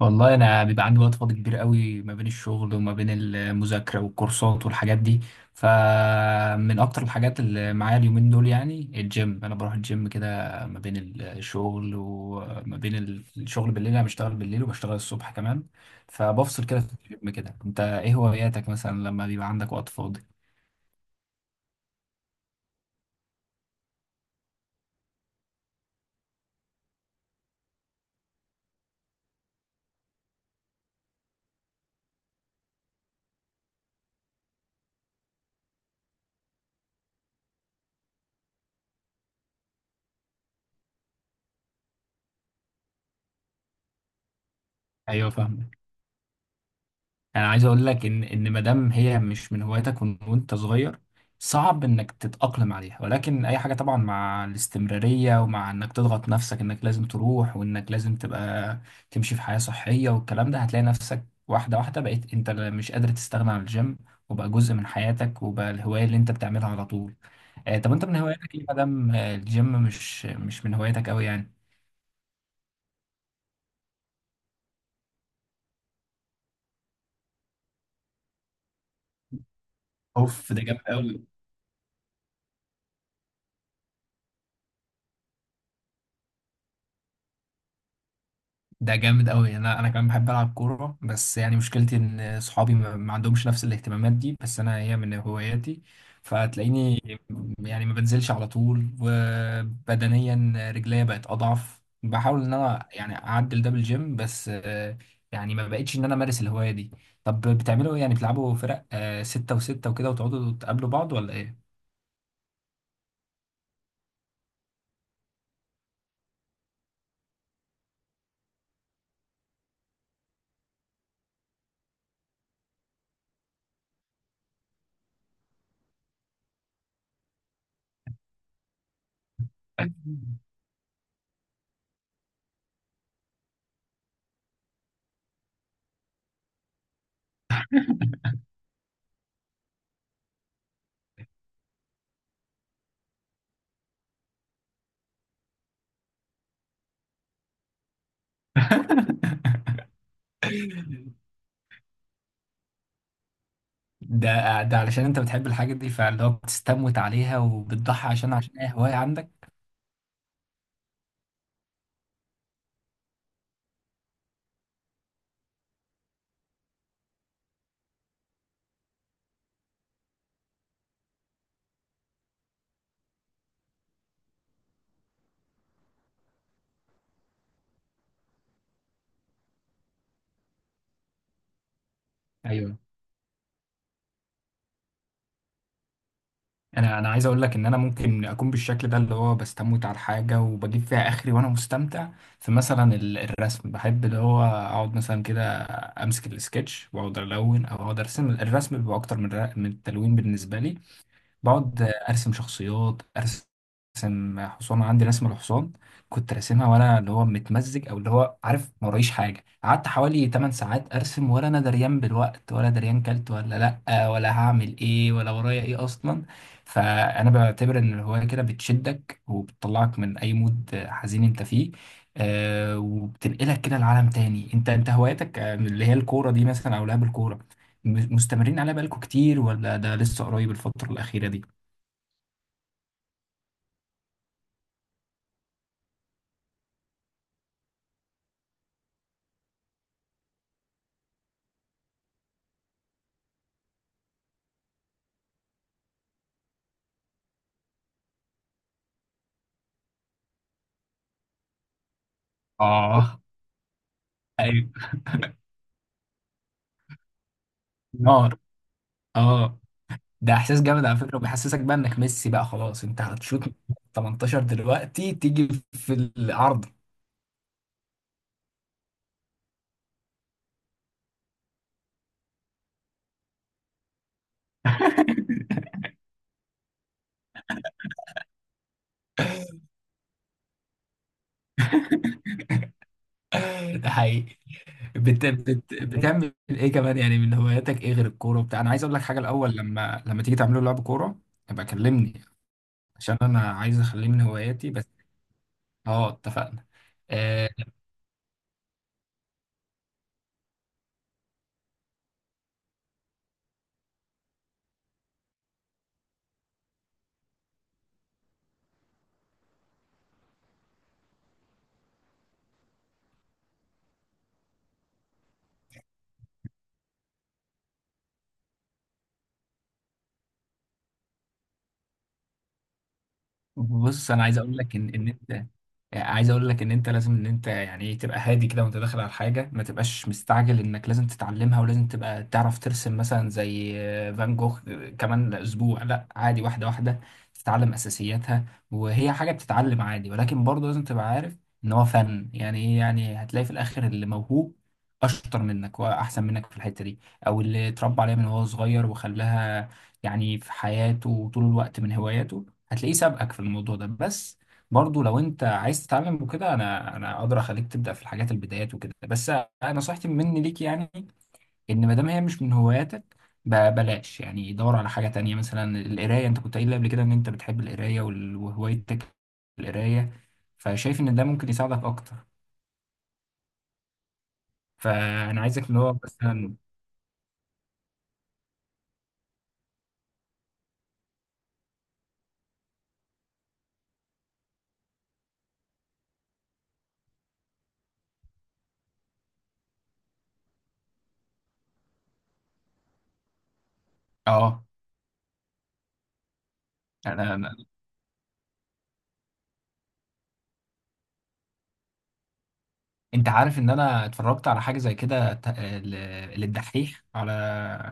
والله انا بيبقى عندي وقت فاضي كبير قوي ما بين الشغل وما بين المذاكره والكورسات والحاجات دي. فمن اكتر الحاجات اللي معايا اليومين دول يعني الجيم، انا بروح الجيم كده ما بين الشغل وما بين الشغل بالليل، انا بشتغل بالليل وبشتغل الصبح كمان. فبفصل كده في الجيم كده، انت ايه هواياتك مثلا لما بيبقى عندك وقت فاضي؟ ايوه، فاهمك. يعني عايز اقول لك ان ما دام هي مش من هواياتك وانت صغير، صعب انك تتأقلم عليها، ولكن اي حاجة طبعا مع الاستمرارية ومع انك تضغط نفسك انك لازم تروح وانك لازم تبقى تمشي في حياة صحية والكلام ده، هتلاقي نفسك واحدة واحدة بقيت انت مش قادر تستغنى عن الجيم، وبقى جزء من حياتك، وبقى الهواية اللي انت بتعملها على طول. طب انت من هواياتك ليه ما دام الجيم مش من هواياتك قوي يعني؟ اوف، ده جامد قوي. ده جامد قوي. انا كمان بحب العب كوره، بس يعني مشكلتي ان صحابي ما عندهمش نفس الاهتمامات دي، بس انا هي من هواياتي. فتلاقيني يعني ما بنزلش على طول، وبدنيا رجليا بقت اضعف. بحاول ان انا يعني اعدل ده بالجيم، بس يعني ما بقتش ان انا امارس الهوايه دي. طب بتعملوا ايه؟ يعني بتلعبوا فرق ستة وستة وكده وتقعدوا تقابلوا بعض ولا ايه؟ ده علشان انت بتحب الحاجة دي، فاللي هو بتستموت عليها وبتضحي عشان اي هواية عندك. ايوه. انا عايز اقول لك ان انا ممكن اكون بالشكل ده اللي هو بستموت على الحاجة وبجيب فيها اخري وانا مستمتع. في مثلا الرسم، بحب اللي هو اقعد مثلا كده، امسك السكتش واقعد الون او اقعد ارسم. الرسم بيبقى اكتر من من التلوين بالنسبة لي. بقعد ارسم شخصيات، ارسم حصان. عندي رسمه الحصان كنت راسمها وانا اللي هو متمزج، او اللي هو عارف ما ورايش حاجه، قعدت حوالي 8 ساعات ارسم ولا انا دريان بالوقت ولا دريان كلت ولا لا ولا هعمل ايه ولا ورايا ايه اصلا. فانا بعتبر ان الهوايه كده بتشدك وبتطلعك من اي مود حزين انت فيه. وبتنقلك كده لعالم تاني. انت هواياتك اللي هي الكوره دي مثلا او لعب الكوره، مستمرين عليها بقالكوا كتير، ولا ده لسه قريب الفترة الأخيرة دي؟ اه. ايوه. نار. اه. ده احساس جامد على فكره، وبيحسسك بقى انك ميسي بقى. خلاص، انت هتشوط من 18 دلوقتي تيجي في العرض. ده حقيقي. بتعمل ايه كمان يعني؟ من هواياتك ايه غير الكوره وبتاع؟ انا عايز اقول لك حاجه الاول، لما تيجي تعملوا لعب كوره ابقى كلمني، عشان انا عايز اخليه من هواياتي بس. اه، اتفقنا. آه، بص، انا عايز اقول لك ان انت، عايز اقول لك ان انت لازم ان انت يعني ايه تبقى هادي كده وانت داخل على الحاجه، ما تبقاش مستعجل انك لازم تتعلمها ولازم تبقى تعرف ترسم مثلا زي فان جوخ كمان اسبوع. لا عادي، واحده واحده تتعلم اساسياتها، وهي حاجه بتتعلم عادي. ولكن برضه لازم تبقى عارف ان هو فن، يعني ايه؟ يعني هتلاقي في الاخر اللي موهوب اشطر منك واحسن منك في الحته دي، او اللي اتربى عليها من وهو صغير وخلاها يعني في حياته طول الوقت من هواياته، هتلاقيه سابقك في الموضوع ده. بس برضو لو انت عايز تتعلم وكده، انا اقدر اخليك تبدا في الحاجات البدايات وكده. بس انا نصيحتي مني ليك يعني، ان ما دام هي مش من هواياتك، بلاش. يعني دور على حاجه تانية، مثلا القرايه. انت كنت قايل لي قبل كده ان انت بتحب القرايه وهوايتك القرايه، فشايف ان ده ممكن يساعدك اكتر. فانا عايزك اللي هو مثلا. اه. انت عارف ان انا اتفرجت على حاجه زي كده، للدحيح على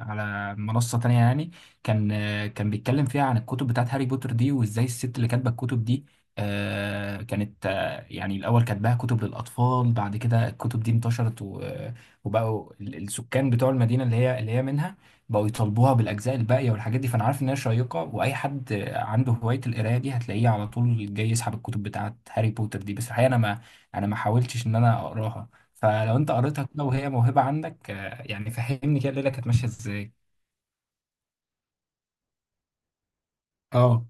على منصه تانية يعني. كان كان بيتكلم فيها عن الكتب بتاعت هاري بوتر دي، وازاي الست اللي كاتبه الكتب دي كانت يعني الاول كاتباها كتب للاطفال. بعد كده الكتب دي انتشرت، وبقوا السكان بتوع المدينه اللي هي منها، بقوا يطالبوها بالاجزاء الباقيه والحاجات دي. فانا عارف ان هي شيقه، واي حد عنده هوايه القرايه دي هتلاقيه على طول جاي يسحب الكتب بتاعت هاري بوتر دي. بس الحقيقه انا ما حاولتش ان انا اقراها. فلو انت قريتها كده وهي موهبة عندك يعني فهمني كده الليلة كانت ماشية ازاي. اه.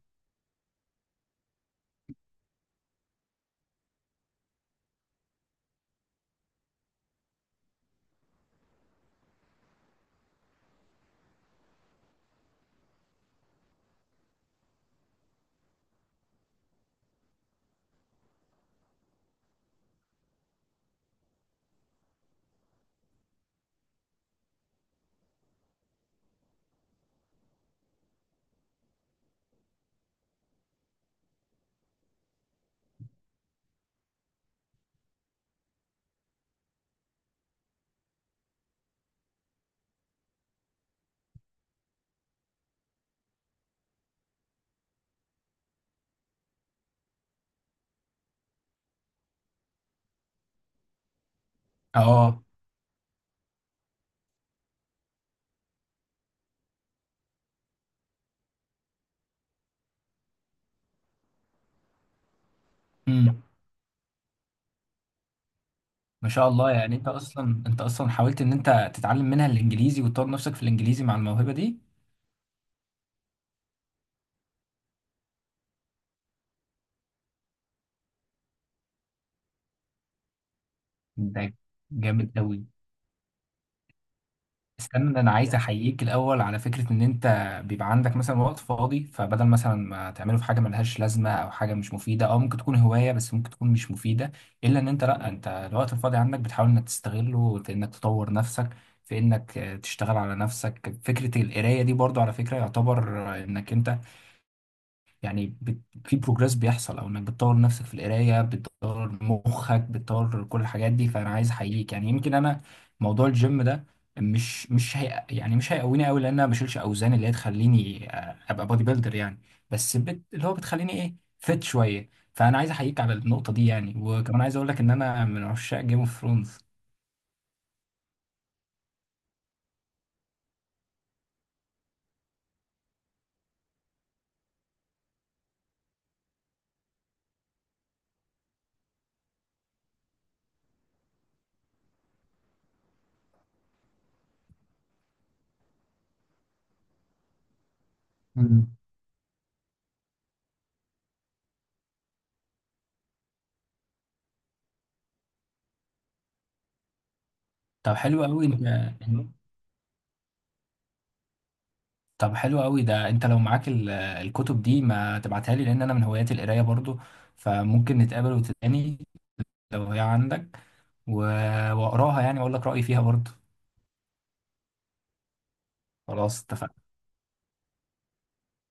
اه. امم. ما شاء الله. يعني انت اصلا حاولت ان انت تتعلم منها الانجليزي وتطور نفسك في الانجليزي مع الموهبة دي. ده جامد قوي. استنى، انا عايز احييك الاول على فكره ان انت بيبقى عندك مثلا وقت فاضي، فبدل مثلا ما تعمله في حاجه ملهاش لازمه او حاجه مش مفيده او ممكن تكون هوايه بس ممكن تكون مش مفيده، الا ان انت، لا، انت الوقت الفاضي عندك بتحاول انك تستغله في انك تطور نفسك، في انك تشتغل على نفسك. فكره القرايه دي برضو على فكره يعتبر انك انت يعني في بروجرس بيحصل، او انك بتطور نفسك في القرايه، بتطور مخك، بتطور كل الحاجات دي. فانا عايز احييك يعني. يمكن انا موضوع الجيم ده مش هي، يعني مش هيقويني قوي، لان انا ما بشيلش اوزان اللي هي تخليني ابقى بودي بيلدر يعني. بس اللي هو بتخليني ايه فت شويه. فانا عايز احييك على النقطه دي يعني، وكمان عايز اقول لك ان انا من عشاق جيم اوف ثرونز. مم. طب حلو قوي انت. طب حلو قوي، ده انت لو معاك الكتب دي ما تبعتها لي، لان انا من هوايات القرايه برضو، فممكن نتقابل وتداني لو هي عندك، و- واقراها يعني واقول لك رايي فيها برضو. خلاص اتفقنا.